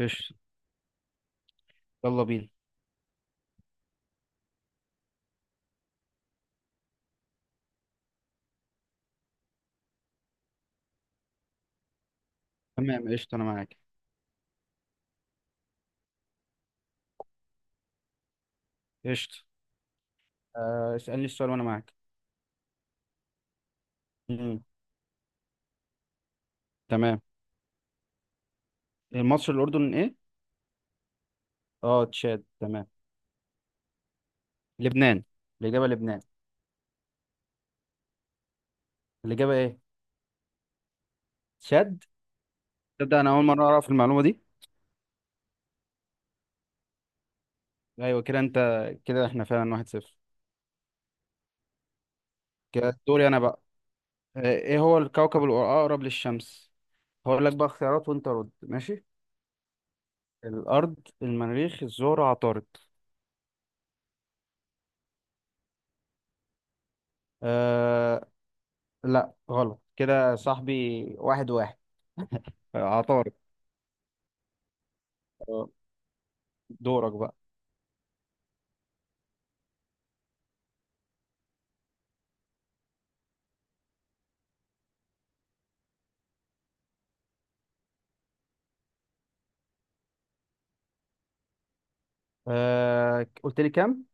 قشطة. يلا بينا. تمام، قشطة، أنا معاك. قشطة. اسألني السؤال وأنا معاك. مم. تمام. المصر الأردن إيه؟ أه، تشاد، تمام. لبنان. الإجابة لبنان. الإجابة إيه؟ تشاد. تبدأ. أنا أول مرة أعرف المعلومة دي. أيوة كده أنت. كده إحنا فعلا واحد صفر. كده دوري أنا بقى. إيه هو الكوكب الأقرب للشمس؟ هقول لك بقى اختيارات وأنت رد. ماشي. الأرض، المريخ، الزهرة، عطارد. أه. لا، غلط كده يا صاحبي. واحد واحد. عطارد. دورك بقى. قلت لي كام؟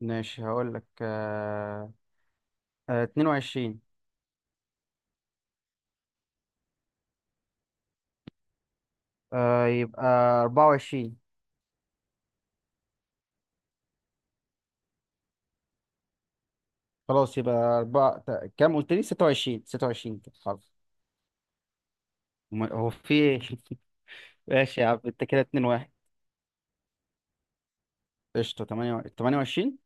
ماشي، هقول لك 22. يبقى 24. خلاص يبقى أربعة كام قلت لي؟ 26، 26، كده خلاص. هو في إيه؟ ماشي يا عم انت. كده 2-1. قشطة، 8، 28.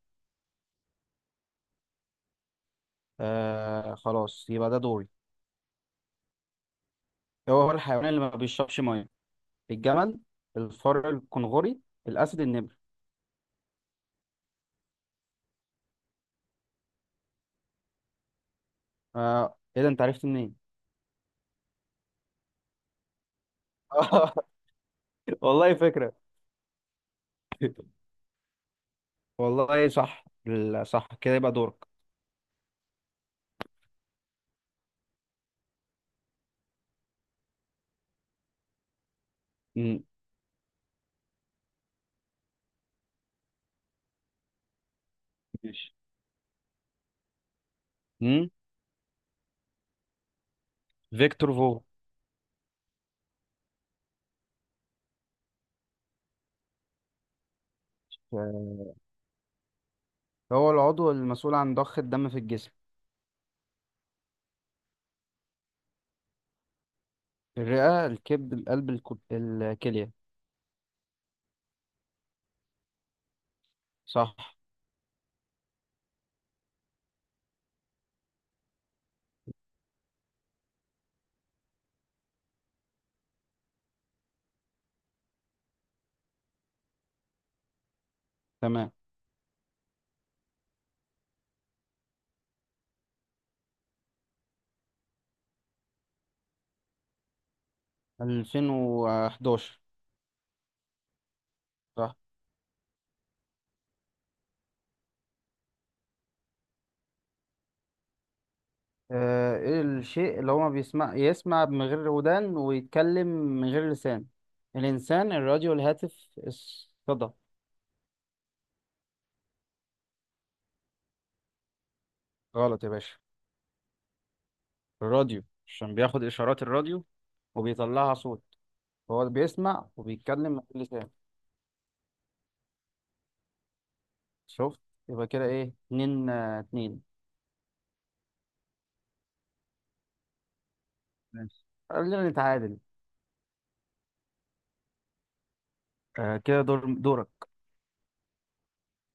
خلاص، يبقى ده دوري. هو الحيوان اللي ما بيشربش ميه. الجمل، الفار الكنغوري، الأسد، النمر. ايه ده، انت عرفت منين؟ والله فكرة. والله صح، صح، كده يبقى دورك. مم. ماشي. مم. فيكتور فوغ. هو العضو المسؤول عن ضخ الدم في الجسم؟ الرئة، الكبد، القلب، الكلية. صح. تمام. 2011. صح. ايه الشيء اللي هو ما بيسمع يسمع من غير ودان ويتكلم من غير لسان؟ الإنسان، الراديو، الهاتف، الصدى. غلط يا باشا. الراديو، عشان بياخد إشارات الراديو وبيطلعها صوت. هو بيسمع وبيتكلم من غير لسان. شفت؟ يبقى كده ايه، اتنين، اتنين. ماشي، خلينا نتعادل. كده دورك.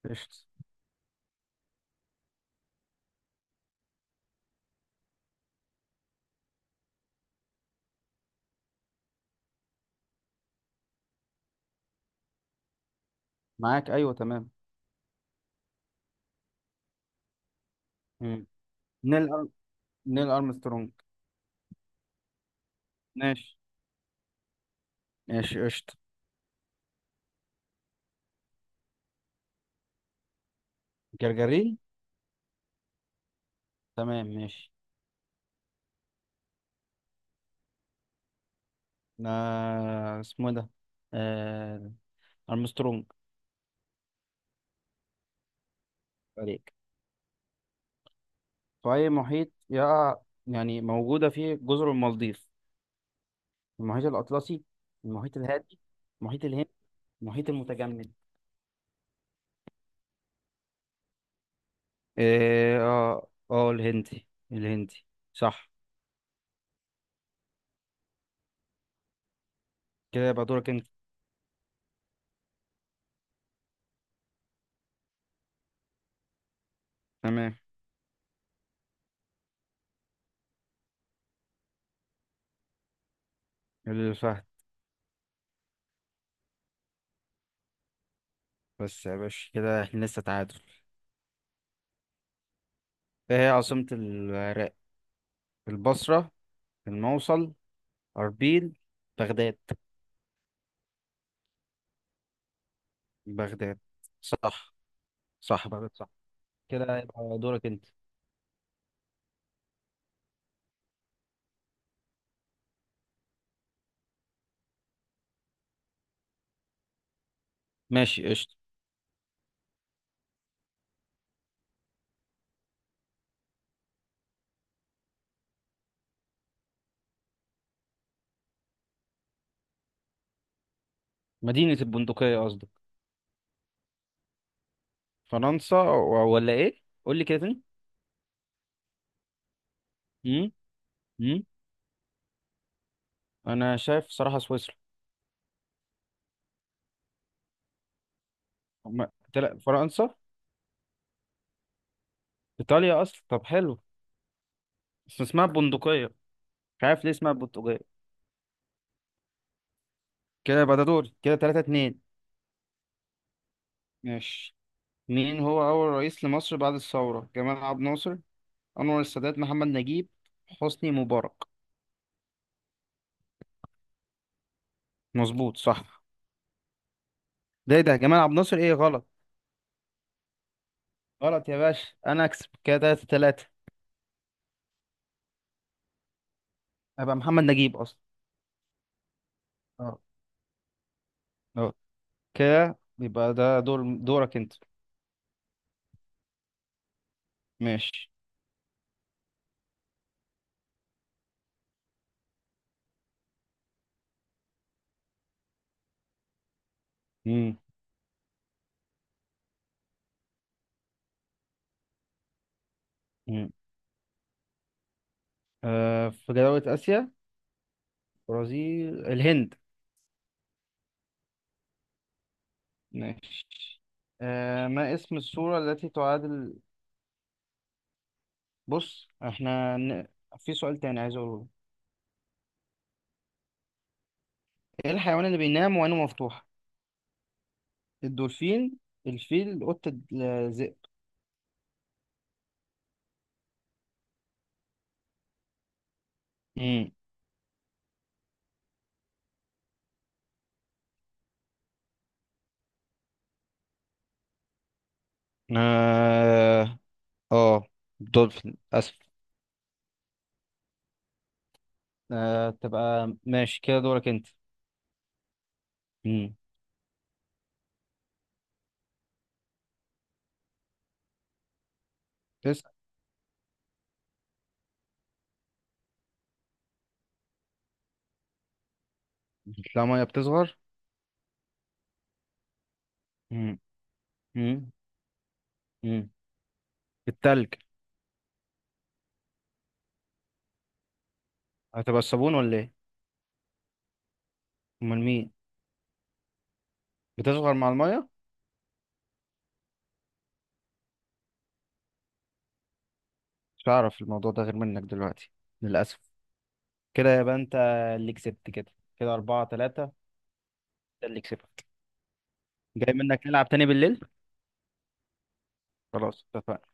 قشطة. معاك، ايوه، تمام. مم. نيل أر... نيل ارمسترونج. ماشي. ماشي، قشطة. جرجرين. تمام، ماشي. اسمه ده. آه ارمسترونج. عليك. في اي محيط يقع، يعني موجودة فيه، جزر المالديف؟ المحيط الاطلسي، المحيط الهادي، المحيط الهندي، المحيط المتجمد. اه. اه، الهندي. الهندي. صح. كده يبقى دورك انت. تمام. اللي فهد. بس يا باشا، كده احنا لسه تعادل. ايه هي عاصمة العراق؟ البصرة، الموصل، أربيل، بغداد. بغداد. صح. صح، بغداد، صح. كده يبقى دورك انت. ماشي، قشطة. مدينة البندقية قصدك؟ فرنسا ولا ايه؟ قول لي كده تاني. امم. امم. انا شايف صراحة سويسرا. فرنسا، ايطاليا اصلا. طب حلو. بس اسمها البندقية. مش عارف ليه اسمها البندقية. كده يبقى ده دوري. كده 3-2. ماشي. مين هو أول رئيس لمصر بعد الثورة؟ جمال عبد الناصر، أنور السادات، محمد نجيب، حسني مبارك. مظبوط، صح. ده إيه ده؟ جمال عبد الناصر إيه؟ غلط. غلط يا باشا، أنا أكسب. كده تلاتة تلاتة. أبقى محمد نجيب أصلا. أه. أه. كده يبقى ده دورك أنت. ماشي. مم. مم. في دولة آسيا. برازيل، الهند. ماشي. ما اسم السورة التي تعادل... بص، احنا في سؤال تاني عايز أقوله. ايه الحيوان اللي بينام وعينه مفتوحة؟ الدولفين، الفيل، قطة، الذئب. امم. اه. آه، دولفين، اسف. تبقى ماشي، كده دورك انت. امم. تسأل. لا، ميه بتصغر. امم. امم. امم. التلج. هتبقى الصابون ولا ايه؟ امال مين؟ بتصغر مع الميه؟ مش هعرف الموضوع ده غير منك دلوقتي، للاسف. كده يبقى انت اللي كسبت. كده كده أربعة تلاتة. ده اللي كسبت. جاي منك، نلعب تاني بالليل. خلاص، اتفقنا.